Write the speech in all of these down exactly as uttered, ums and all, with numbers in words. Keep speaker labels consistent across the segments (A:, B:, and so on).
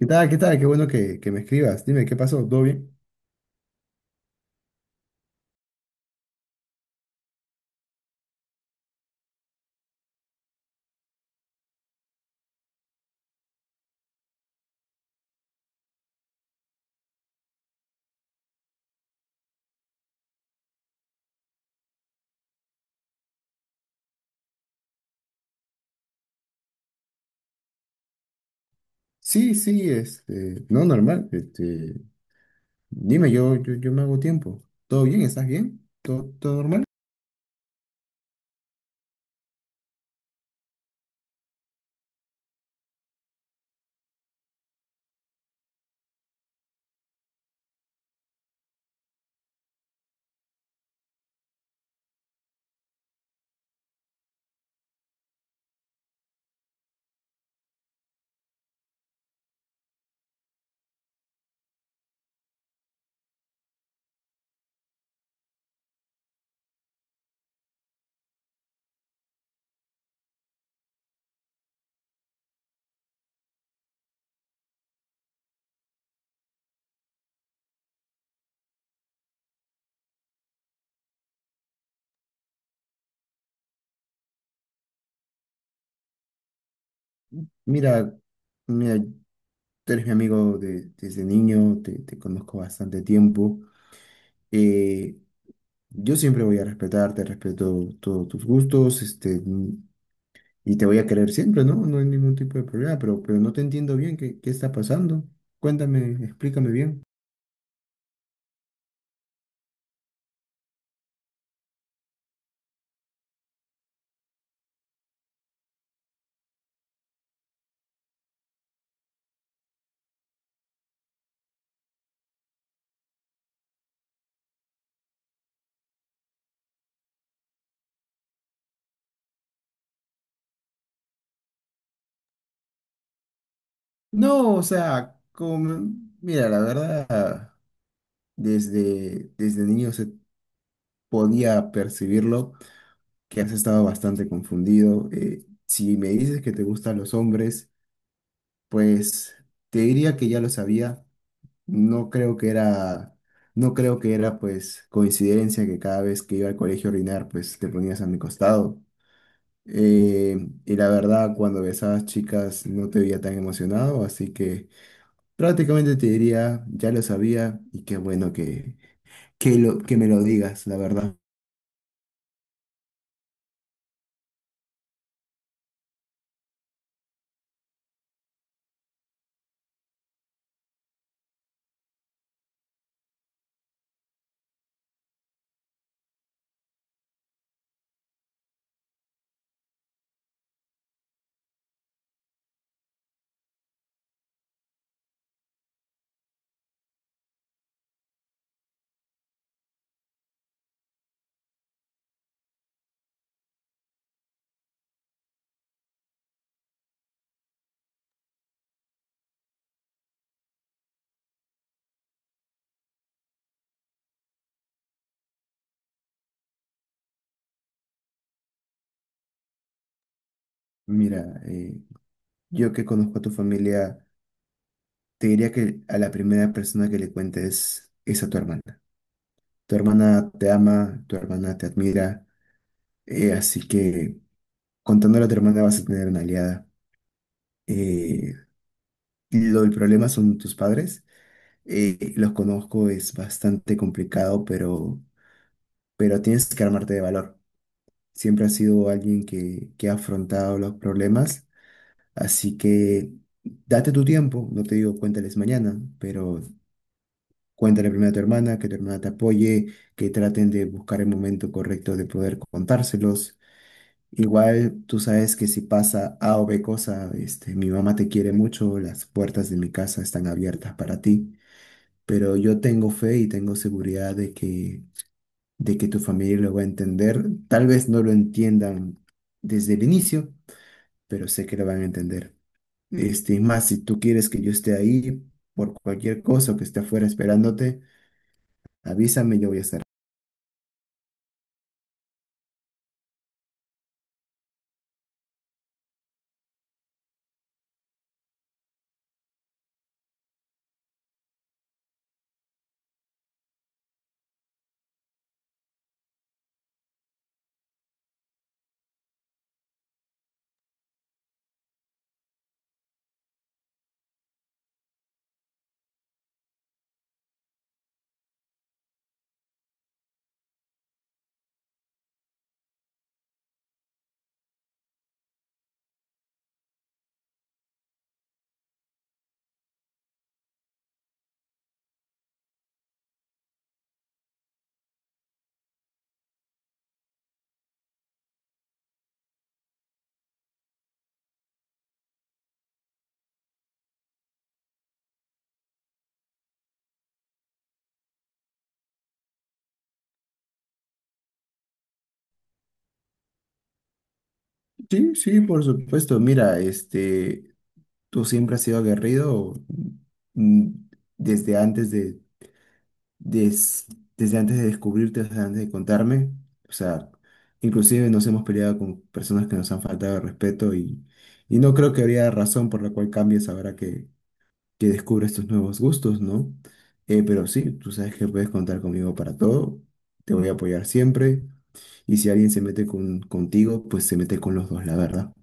A: ¿Qué tal? ¿Qué tal? Qué bueno que, que me escribas. Dime, ¿qué pasó? ¿Todo bien? Sí, sí, este, no, normal. Este, dime, yo, yo, yo me hago tiempo. ¿Todo bien? ¿Estás bien? ¿Todo, todo normal? Mira, mira, tú eres mi amigo de- desde niño, te, te conozco bastante tiempo. Eh, yo siempre voy a respetarte, respeto todos tus gustos, este, y te voy a querer siempre, ¿no? No hay ningún tipo de problema, pero, pero no te entiendo bien qué, qué está pasando. Cuéntame, explícame bien. No, o sea, como, mira, la verdad, desde, desde niño se podía percibirlo, que has estado bastante confundido. Eh, si me dices que te gustan los hombres, pues te diría que ya lo sabía. No creo que era, no creo que era pues coincidencia que cada vez que iba al colegio a orinar, pues te ponías a mi costado. Eh, y la verdad, cuando besabas chicas no te veía tan emocionado, así que... Prácticamente te diría, ya lo sabía y qué bueno que, que, lo, que me lo digas, la verdad. Mira, eh, yo que conozco a tu familia, te diría que a la primera persona que le cuentes es a tu hermana. Tu hermana te ama, tu hermana te admira, eh, así que contándole a tu hermana vas a tener una aliada. Eh, lo, el problema son tus padres, eh, los conozco, es bastante complicado, pero, pero tienes que armarte de valor. Siempre has sido alguien que, que ha afrontado los problemas, así que date tu tiempo, no te digo cuéntales mañana, pero cuéntale primero a tu hermana, que tu hermana te apoye, que traten de buscar el momento correcto de poder contárselos. Igual tú sabes que si pasa A o B cosa, este, mi mamá te quiere mucho, las puertas de mi casa están abiertas para ti, pero yo tengo fe y tengo seguridad de que, de que tu familia lo va a entender. Tal vez no lo entiendan desde el inicio, pero sé que lo van a entender. Este, y más, si tú quieres que yo esté ahí por cualquier cosa o que esté afuera esperándote, avísame, yo voy a estar. Sí, sí, por supuesto. Mira, este, tú siempre has sido aguerrido mm, desde antes de, des- desde antes de descubrirte, desde antes de contarme. O sea, inclusive nos hemos peleado con personas que nos han faltado el respeto y, y no creo que habría razón por la cual cambies ahora que que descubres estos nuevos gustos, ¿no? Eh, pero sí, tú sabes que puedes contar conmigo para todo, te voy a apoyar siempre y si alguien se mete con, contigo, pues se mete con los dos, la verdad.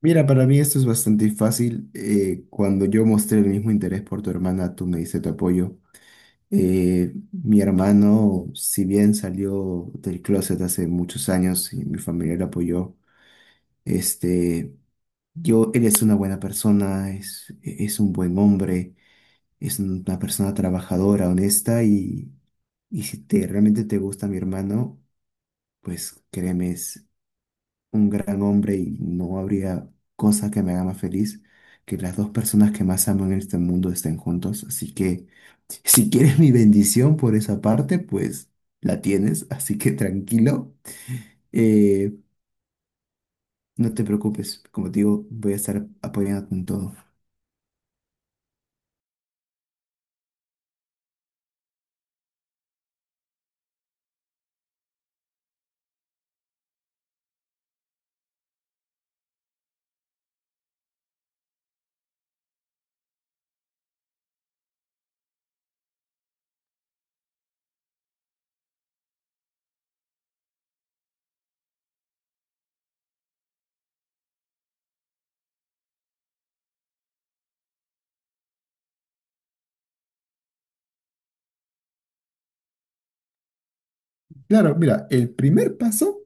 A: Mira, para mí esto es bastante fácil. Eh, cuando yo mostré el mismo interés por tu hermana, tú me diste tu apoyo. Eh, mi hermano, si bien salió del closet hace muchos años y mi familia lo apoyó, este, yo, él es una buena persona, es, es un buen hombre, es una persona trabajadora, honesta y, y si te, realmente te gusta mi hermano, pues créeme, es un gran hombre y no habría cosa que me haga más feliz que las dos personas que más amo en este mundo estén juntos. Así que si quieres mi bendición por esa parte, pues la tienes, así que tranquilo. Eh, no te preocupes, como te digo, voy a estar apoyándote en todo. Claro, mira, el primer paso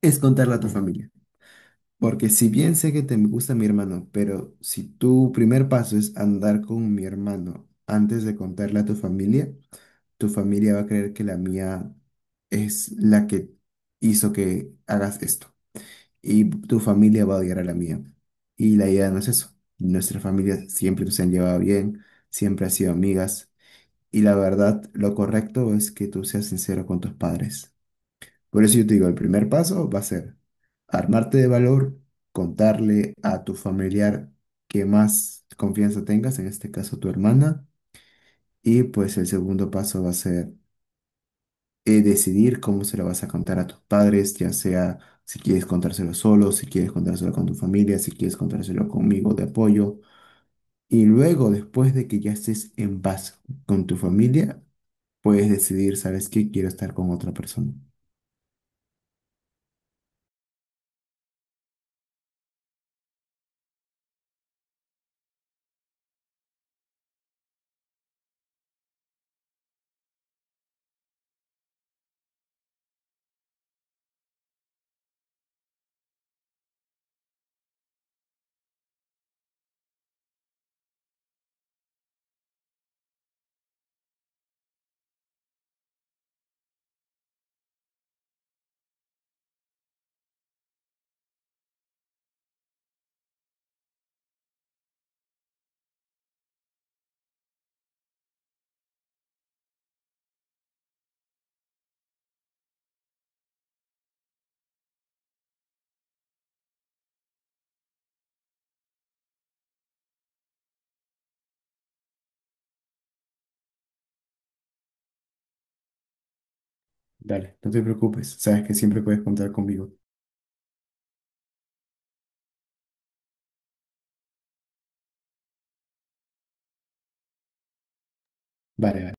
A: es contarle a tu familia. Porque si bien sé que te gusta mi hermano, pero si tu primer paso es andar con mi hermano antes de contarle a tu familia, tu familia va a creer que la mía es la que hizo que hagas esto. Y tu familia va a odiar a la mía. Y la idea no es eso. Nuestras familias siempre se han llevado bien, siempre han sido amigas. Y la verdad, lo correcto es que tú seas sincero con tus padres. Por eso yo te digo, el primer paso va a ser armarte de valor, contarle a tu familiar que más confianza tengas, en este caso tu hermana, y pues el segundo paso va a ser eh, decidir cómo se lo vas a contar a tus padres, ya sea si quieres contárselo solo, si quieres contárselo con tu familia, si quieres contárselo conmigo de apoyo. Y luego, después de que ya estés en paz con tu familia, puedes decidir, ¿sabes qué? Quiero estar con otra persona. Dale, no te preocupes, sabes que siempre puedes contar conmigo. Vale.